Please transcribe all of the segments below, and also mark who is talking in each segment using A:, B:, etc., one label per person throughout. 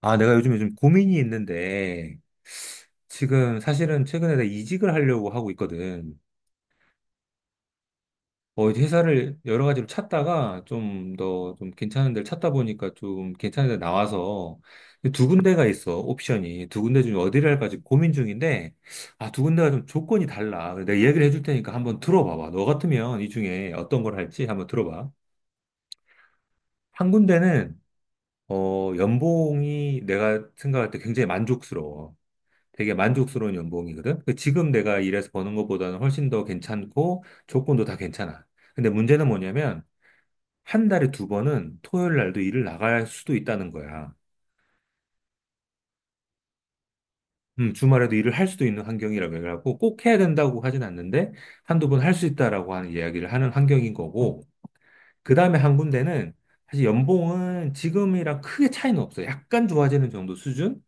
A: 아, 내가 요즘에 좀 고민이 있는데, 지금 사실은 최근에 내가 이직을 하려고 하고 있거든. 어, 이제 회사를 여러 가지로 찾다가 좀 더 좀 괜찮은 데를 찾다 보니까 좀 괜찮은 데 나와서 두 군데가 있어, 옵션이. 두 군데 중에 어디를 할까 지금 고민 중인데, 아, 두 군데가 좀 조건이 달라. 내가 얘기를 해줄 테니까 한번 들어봐봐. 너 같으면 이 중에 어떤 걸 할지 한번 들어봐. 한 군데는, 어, 연봉이 내가 생각할 때 굉장히 만족스러워. 되게 만족스러운 연봉이거든. 그 지금 내가 일해서 버는 것보다는 훨씬 더 괜찮고 조건도 다 괜찮아. 근데 문제는 뭐냐면 한 달에 두 번은 토요일 날도 일을 나갈 수도 있다는 거야. 주말에도 일을 할 수도 있는 환경이라고 해갖고 꼭 해야 된다고 하진 않는데 한두 번 할 수 있다라고 하는 이야기를 하는 환경인 거고 그 다음에 한 군데는 사실 연봉은 지금이랑 크게 차이는 없어요. 약간 좋아지는 정도 수준?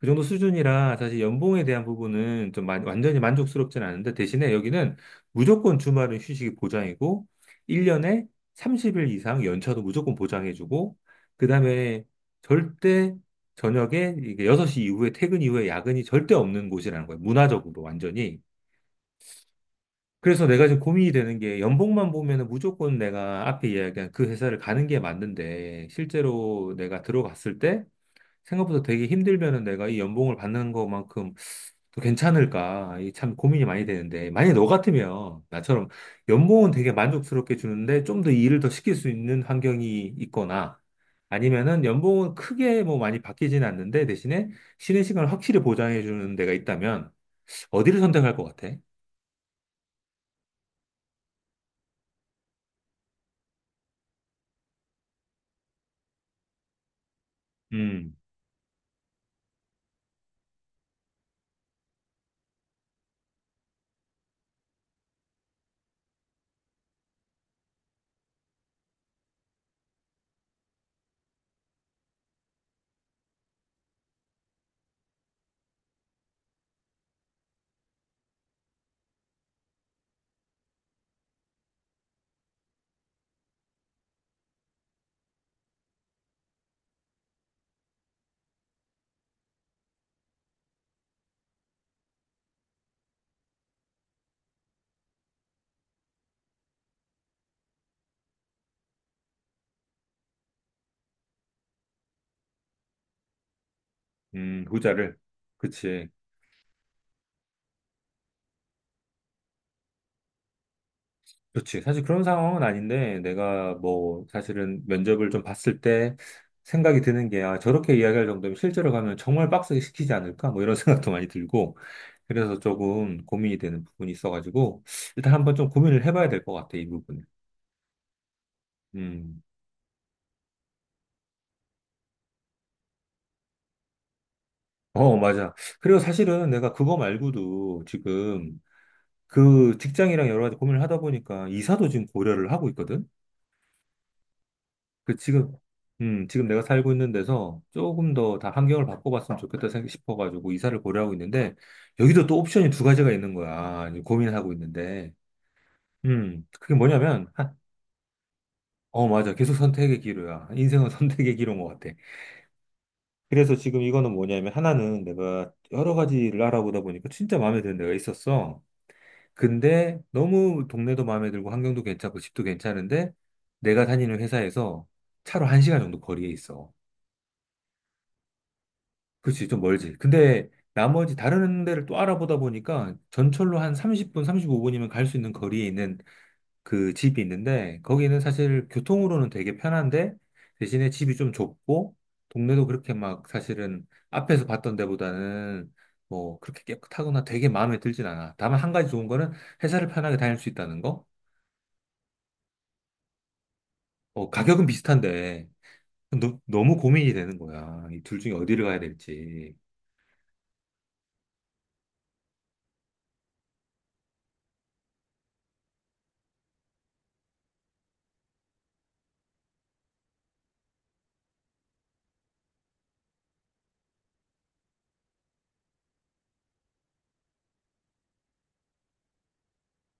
A: 그 정도 수준이라 사실 연봉에 대한 부분은 완전히 만족스럽진 않은데 대신에 여기는 무조건 주말은 휴식이 보장이고 1년에 30일 이상 연차도 무조건 보장해주고 그 다음에 절대 저녁에 이게 6시 이후에 퇴근 이후에 야근이 절대 없는 곳이라는 거예요. 문화적으로 완전히. 그래서 내가 지금 고민이 되는 게 연봉만 보면은 무조건 내가 앞에 이야기한 그 회사를 가는 게 맞는데 실제로 내가 들어갔을 때 생각보다 되게 힘들면은 내가 이 연봉을 받는 것만큼 또 괜찮을까? 이 참 고민이 많이 되는데 만약에 너 같으면 나처럼 연봉은 되게 만족스럽게 주는데 좀 더 일을 더 시킬 수 있는 환경이 있거나 아니면은 연봉은 크게 뭐 많이 바뀌진 않는데 대신에 쉬는 시간을 확실히 보장해 주는 데가 있다면 어디를 선택할 것 같아? 음. 후자를. 그치. 그치. 사실 그런 상황은 아닌데, 내가 뭐, 사실은 면접을 좀 봤을 때 생각이 드는 게, 아, 저렇게 이야기할 정도면 실제로 가면 정말 빡세게 시키지 않을까? 뭐 이런 생각도 많이 들고, 그래서 조금 고민이 되는 부분이 있어가지고, 일단 한번 좀 고민을 해봐야 될 것 같아, 이 부분은. 음. 어, 맞아. 그리고 사실은 내가 그거 말고도 지금 그 직장이랑 여러 가지 고민을 하다 보니까 이사도 지금 고려를 하고 있거든? 그 지금 지금 내가 살고 있는 데서 조금 더 다 환경을 바꿔봤으면 좋겠다 싶어가지고 이사를 고려하고 있는데 여기도 또 옵션이 두 가지가 있는 거야 이제 고민을 하고 있는데 그게 뭐냐면 어 맞아 계속 선택의 기로야 인생은 선택의 기로인 것 같아. 그래서 지금 이거는 뭐냐면 하나는 내가 여러 가지를 알아보다 보니까 진짜 마음에 드는 데가 있었어. 근데 너무 동네도 마음에 들고 환경도 괜찮고 집도 괜찮은데 내가 다니는 회사에서 차로 한 시간 정도 거리에 있어. 그치, 좀 멀지. 근데 나머지 다른 데를 또 알아보다 보니까 전철로 한 30분, 35분이면 갈 수 있는 거리에 있는 그 집이 있는데 거기는 사실 교통으로는 되게 편한데 대신에 집이 좀 좁고 동네도 그렇게 막 사실은 앞에서 봤던 데보다는 뭐 그렇게 깨끗하거나 되게 마음에 들진 않아. 다만 한 가지 좋은 거는 회사를 편하게 다닐 수 있다는 거? 어, 가격은 비슷한데 너무 고민이 되는 거야. 이 둘 중에 어디를 가야 될지.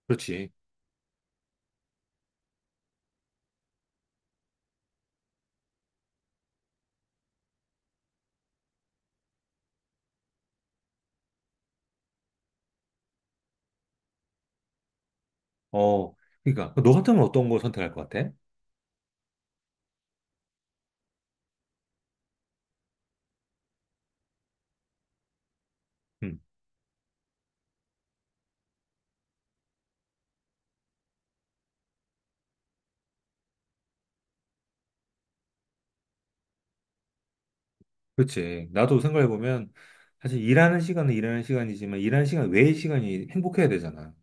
A: 그렇지. 어, 그러니까 그 너 같으면 어떤 거 선택할 것 같아? 음, 그렇지. 나도 생각해 보면 사실 일하는 시간은 일하는 시간이지만 일하는 시간 외의 시간이 행복해야 되잖아.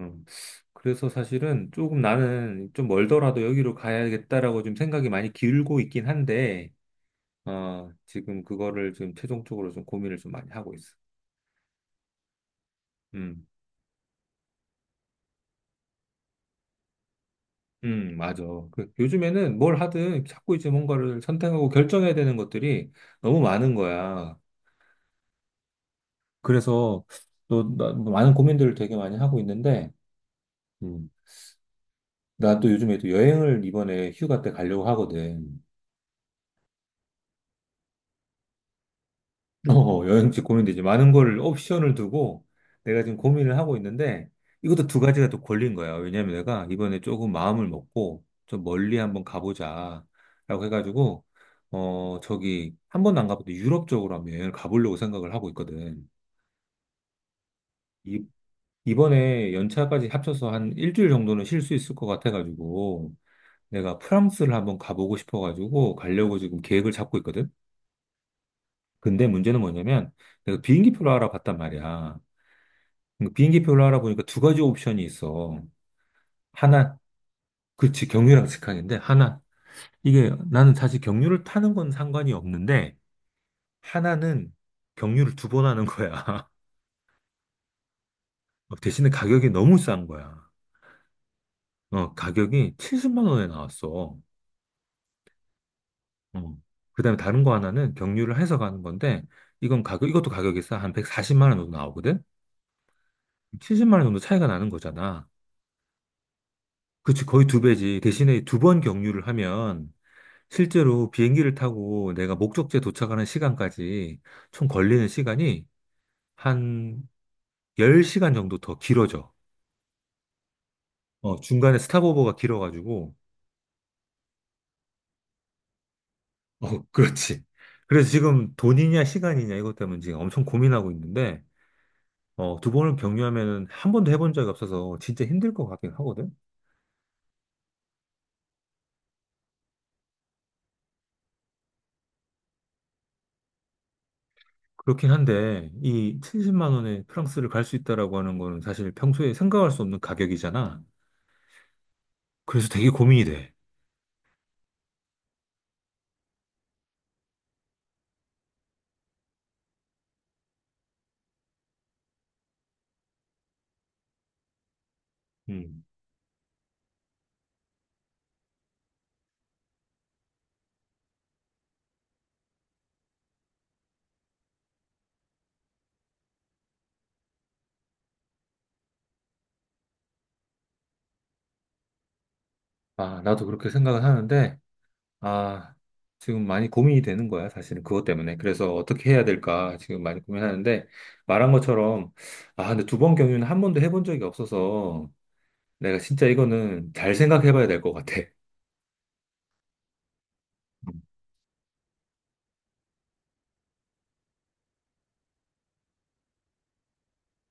A: 음, 그래서 사실은 조금 나는 좀 멀더라도 여기로 가야겠다라고 좀 생각이 많이 기울고 있긴 한데, 어, 지금 그거를 좀 최종적으로 좀 고민을 좀 많이 하고 있어. 음, 맞아. 그 요즘에는 뭘 하든 자꾸 이제 뭔가를 선택하고 결정해야 되는 것들이 너무 많은 거야. 그래서 또 많은 고민들을 되게 많이 하고 있는데, 음, 나도 요즘에 또 여행을 이번에 휴가 때 가려고 하거든. 어, 여행지 고민되지. 많은 걸 옵션을 두고 내가 지금 고민을 하고 있는데, 이것도 두 가지가 또 걸린 거야. 왜냐면 내가 이번에 조금 마음을 먹고 좀 멀리 한번 가보자. 라고 해가지고, 어, 저기, 한 번도 안 가봤는데 유럽 쪽으로 한번 여행을 가보려고 생각을 하고 있거든. 이, 이번에 연차까지 합쳐서 한 일주일 정도는 쉴 수 있을 것 같아가지고, 내가 프랑스를 한번 가보고 싶어가지고 가려고 지금 계획을 잡고 있거든. 근데 문제는 뭐냐면 내가 비행기표를 알아봤단 말이야. 근데 비행기표를 알아보니까 두 가지 옵션이 있어. 하나, 그치, 경유랑 직항인데 하나, 이게 나는 사실 경유를 타는 건 상관이 없는데 하나는 경유를 두 번 하는 거야. 대신에 가격이 너무 싼 거야. 어, 가격이 70만 원에 나왔어. 어. 그다음에 다른 거 하나는 경유를 해서 가는 건데 이건 가격, 이것도 가격이 싸. 한 140만 원 정도 나오거든? 70만 원 정도 차이가 나는 거잖아. 그치, 거의 두 배지. 대신에 두 번 경유를 하면 실제로 비행기를 타고 내가 목적지에 도착하는 시간까지 총 걸리는 시간이 한 10시간 정도 더 길어져. 어, 중간에 스탑오버가 길어가지고. 어, 그렇지. 그래서 지금 돈이냐 시간이냐 이것 때문에 지금 엄청 고민하고 있는데, 어, 두 번을 경유하면은 한 번도 해본 적이 없어서 진짜 힘들 것 같긴 하거든. 그렇긴 한데, 이 70만 원에 프랑스를 갈 수 있다라고 하는 거는 사실 평소에 생각할 수 없는 가격이잖아. 그래서 되게 고민이 돼. 음. 아, 나도 그렇게 생각을 하는데, 아, 지금 많이 고민이 되는 거야, 사실은 그것 때문에. 그래서 어떻게 해야 될까 지금 많이 고민하는데, 말한 것처럼, 아, 근데 두 번 경유는 한 번도 해본 적이 없어서, 내가 진짜 이거는 잘 생각해 봐야 될 것 같아.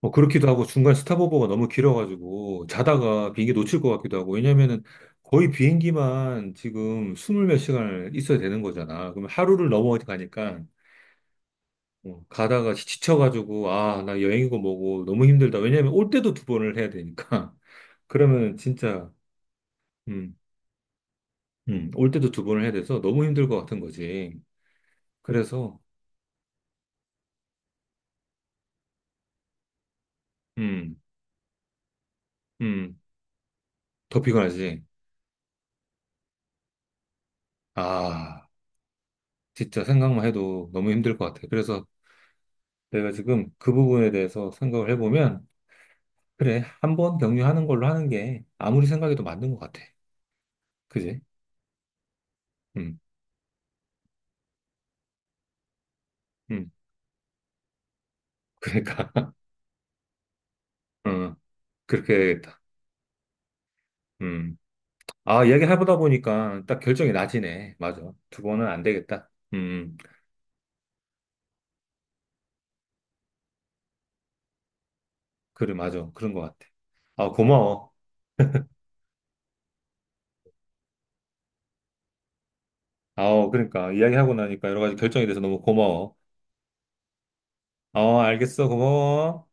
A: 뭐 그렇기도 하고 중간 스탑오버가 너무 길어가지고 자다가 비행기 놓칠 것 같기도 하고 왜냐면은 거의 비행기만 지금 스물 몇 시간을 있어야 되는 거잖아. 그럼 하루를 넘어가니까 가 가다가 지쳐가지고 아, 나 여행이고 뭐고 너무 힘들다. 왜냐면 올 때도 두 번을 해야 되니까. 그러면 진짜 음, 올 때도 두 번을 해야 돼서 너무 힘들 것 같은 거지. 그래서 음, 음, 더 피곤하지. 아, 진짜 생각만 해도 너무 힘들 것 같아. 그래서 내가 지금 그 부분에 대해서 생각을 해보면, 그래, 한 번 격려하는 걸로 하는 게 아무리 생각해도 맞는 것 같아. 그지? 음, 음. 그러니까, 어, 그렇게 해야겠다. 음. 아, 이야기 해보다 보니까 딱 결정이 나지네. 맞아. 두 번은 안 되겠다. 음. 그래, 맞아. 그런 것 같아. 아, 고마워. 아, 그러니까, 이야기하고 나니까 여러 가지 결정이 돼서 너무 고마워. 어, 알겠어. 고마워.